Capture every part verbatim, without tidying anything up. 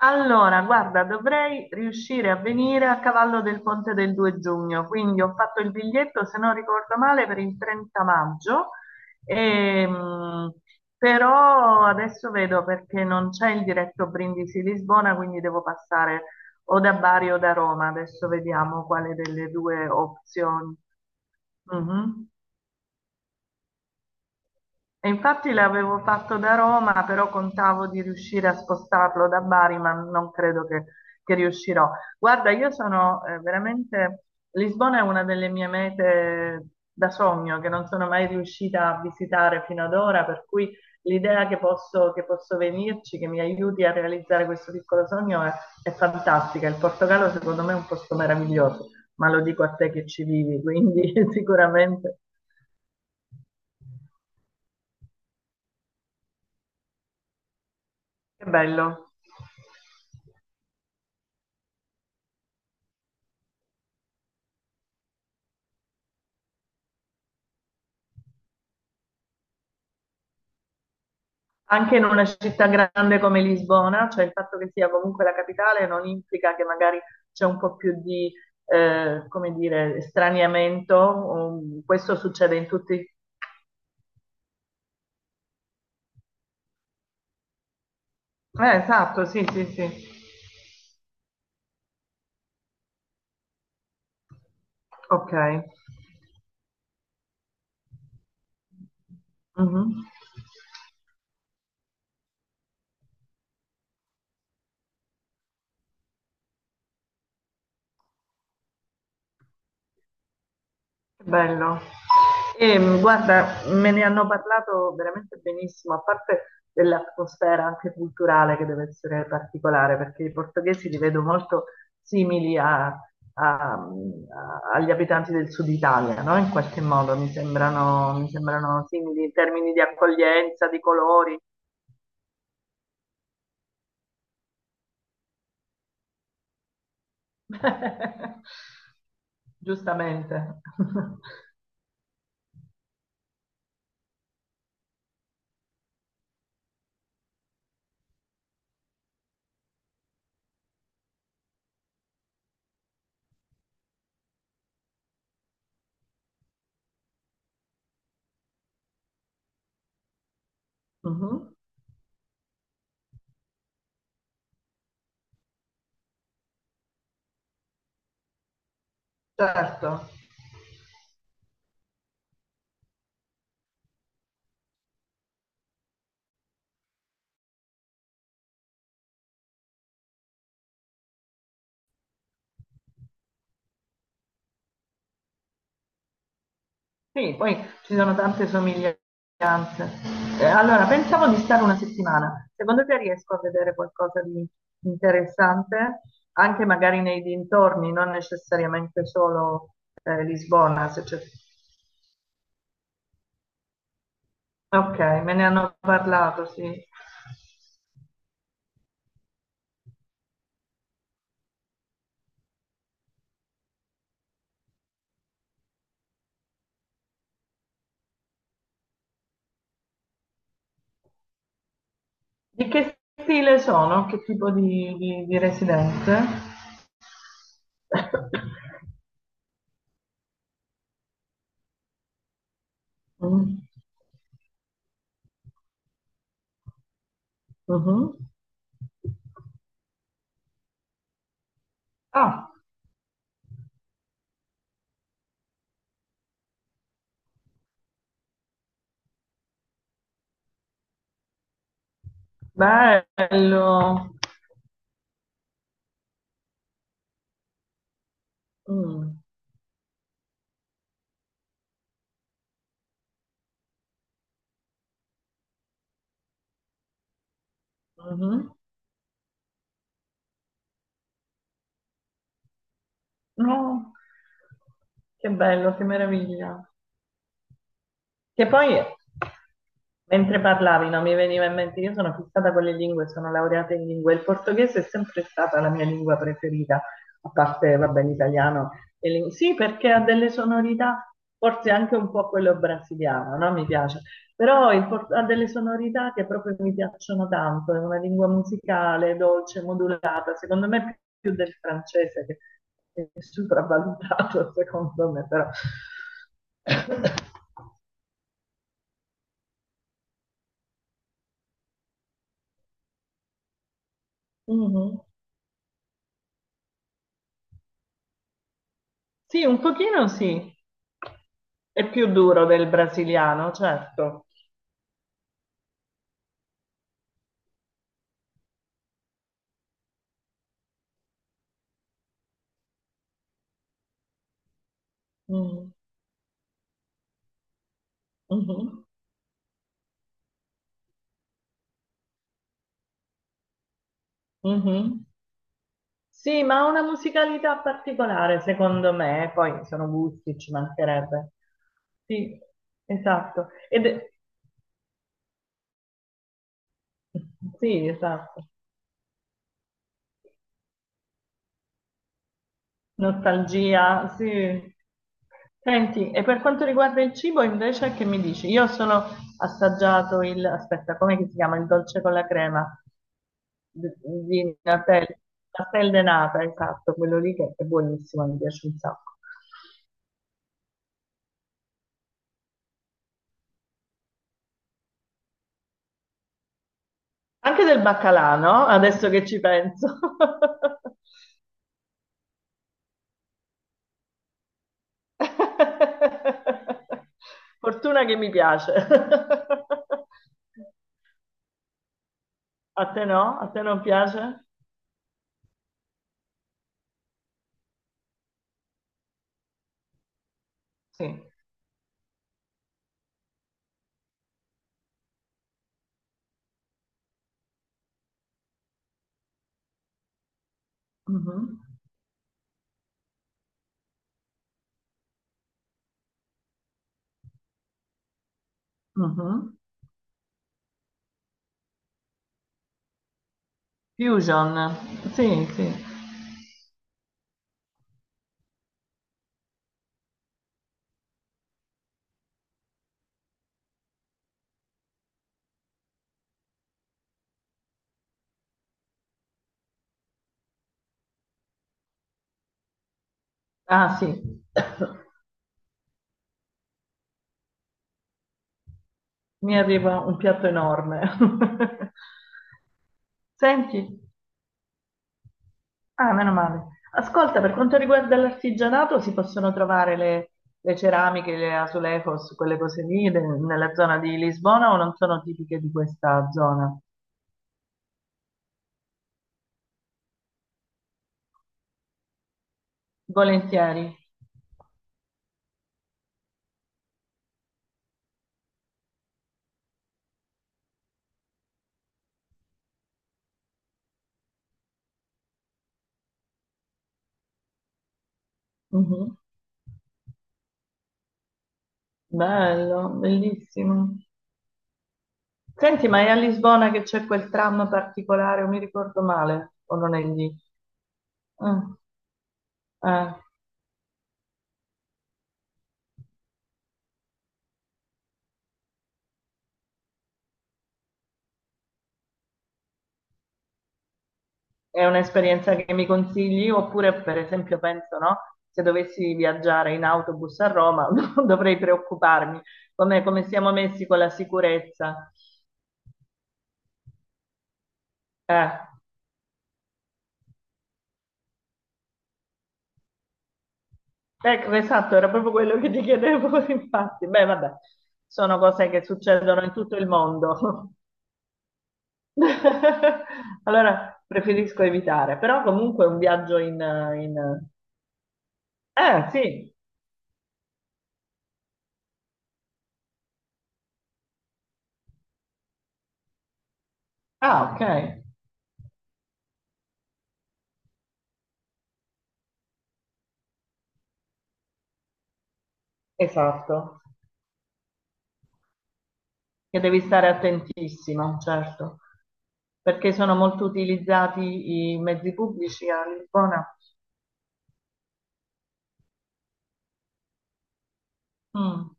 Allora, guarda, dovrei riuscire a venire a cavallo del ponte del due giugno, quindi ho fatto il biglietto, se non ricordo male, per il trenta maggio, ehm, però adesso vedo perché non c'è il diretto Brindisi-Lisbona, quindi devo passare o da Bari o da Roma, adesso vediamo quale delle due opzioni. Mhm. E infatti l'avevo fatto da Roma, però contavo di riuscire a spostarlo da Bari, ma non credo che, che riuscirò. Guarda, io sono eh, veramente... Lisbona è una delle mie mete da sogno che non sono mai riuscita a visitare fino ad ora, per cui l'idea che posso, che posso, venirci, che mi aiuti a realizzare questo piccolo sogno è, è fantastica. Il Portogallo secondo me è un posto meraviglioso, ma lo dico a te che ci vivi, quindi sicuramente. Che bello. Anche in una città grande come Lisbona, cioè il fatto che sia comunque la capitale non implica che magari c'è un po' più di, eh, come dire, straniamento. Um, questo succede in tutti. Eh, esatto, sì, sì, sì. Ok. Mhm. Che bello. E, mh, guarda, me ne hanno parlato veramente benissimo, a parte dell'atmosfera anche culturale che deve essere particolare, perché i portoghesi li vedo molto simili a- a- mh, a- agli abitanti del sud Italia, no? In qualche modo mi sembrano, mi sembrano simili in termini di accoglienza, di colori. Giustamente. Mhm. Certo. Sì, poi ci sono tante somiglianze. Eh, allora, pensavo di stare una settimana. Secondo te riesco a vedere qualcosa di interessante? Anche magari nei dintorni, non necessariamente solo eh, Lisbona. Se c'è- Ok, me ne hanno parlato, sì. Di che stile sono? Che tipo di, di, di residenze? Mm. Mhm. Ah, bello. Mm. Mhm. No, che bello, che meraviglia. Che poi, mentre parlavi, no, mi veniva in mente, io sono fissata con le lingue, sono laureata in lingue, il portoghese è sempre stata la mia lingua preferita, a parte, vabbè, l'italiano. e l'ing- Sì, perché ha delle sonorità, forse anche un po' quello brasiliano, no? Mi piace. Però il por- ha delle sonorità che proprio mi piacciono tanto, è una lingua musicale, dolce, modulata, secondo me più del francese, che che è sopravvalutato, secondo me, però. Mhm. Sì, un pochino sì, è più duro del brasiliano, certo. Mm. Mhm. Mhm. Sì, ma ha una musicalità particolare, secondo me, poi sono gusti, ci mancherebbe. Sì, esatto. Ed è- Sì, esatto. Nostalgia, sì. Senti, e per quanto riguarda il cibo, invece, che mi dici? Io sono assaggiato il, aspetta, com'è che si chiama? Il dolce con la crema di Natelle, pastel de nata, esatto, quello lì che è buonissimo, mi piace un sacco. Anche del baccalà, no? Adesso che ci penso. Fortuna che mi piace. A te no? A te non piace? Sì. Mhm, mhm. Fusion. Sì, sì. Ah, sì. Mi arriva un piatto enorme. Senti. Ah, meno male. Ascolta, per quanto riguarda l'artigianato, si possono trovare le, le ceramiche, le azulejos, quelle cose lì, de- nella zona di Lisbona o non sono tipiche di questa zona? Volentieri. Mhm. Bello, bellissimo. Senti, ma è a Lisbona che c'è quel tram particolare, o mi ricordo male, o non è lì? Ah, ah. È un'esperienza che mi consigli? Oppure, per esempio, penso, no? Se dovessi viaggiare in autobus a Roma, dovrei preoccuparmi. Come, come siamo messi con la sicurezza? Eh, ecco, esatto, era proprio quello che ti chiedevo, infatti. Beh, vabbè, sono cose che succedono in tutto il mondo. Allora, preferisco evitare. Però comunque un viaggio in... in... Eh, sì. Ah, ok. Esatto. Che devi stare attentissimo, certo, perché sono molto utilizzati i mezzi pubblici a Lisbona. Mm.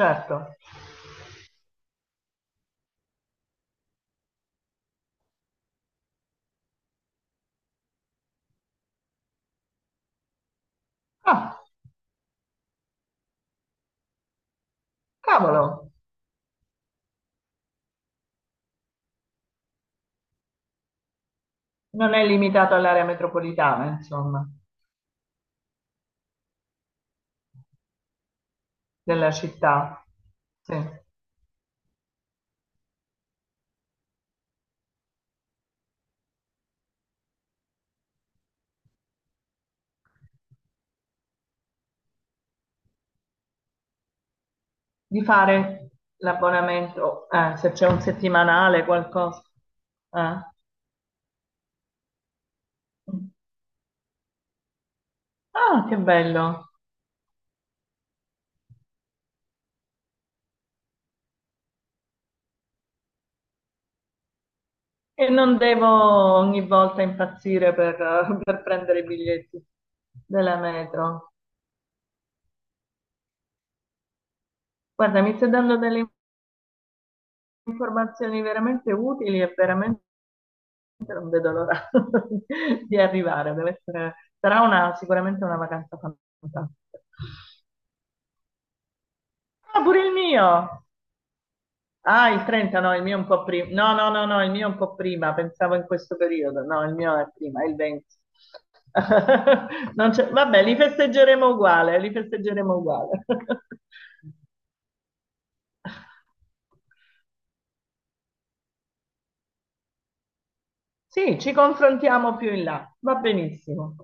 Certo. Ah, cavolo, non è limitato all'area metropolitana, insomma, della città. Sì. Di fare l'abbonamento, eh, se c'è un settimanale, qualcosa. Eh. Ah, che bello. E non devo ogni volta impazzire per, per prendere i biglietti della metro. Guarda, mi stai dando delle informazioni veramente utili e veramente non vedo l'ora di arrivare. Deve essere- sarà una- sicuramente una vacanza fantastica. Ah, pure il mio! Ah, il trenta, no, il mio è un po' prima. No, no, no, no, il mio è un po' prima, pensavo in questo periodo. No, il mio è prima, è il venti. Non c'è- Vabbè, li festeggeremo uguale, li festeggeremo uguale. Sì, ci confrontiamo più in là, va benissimo.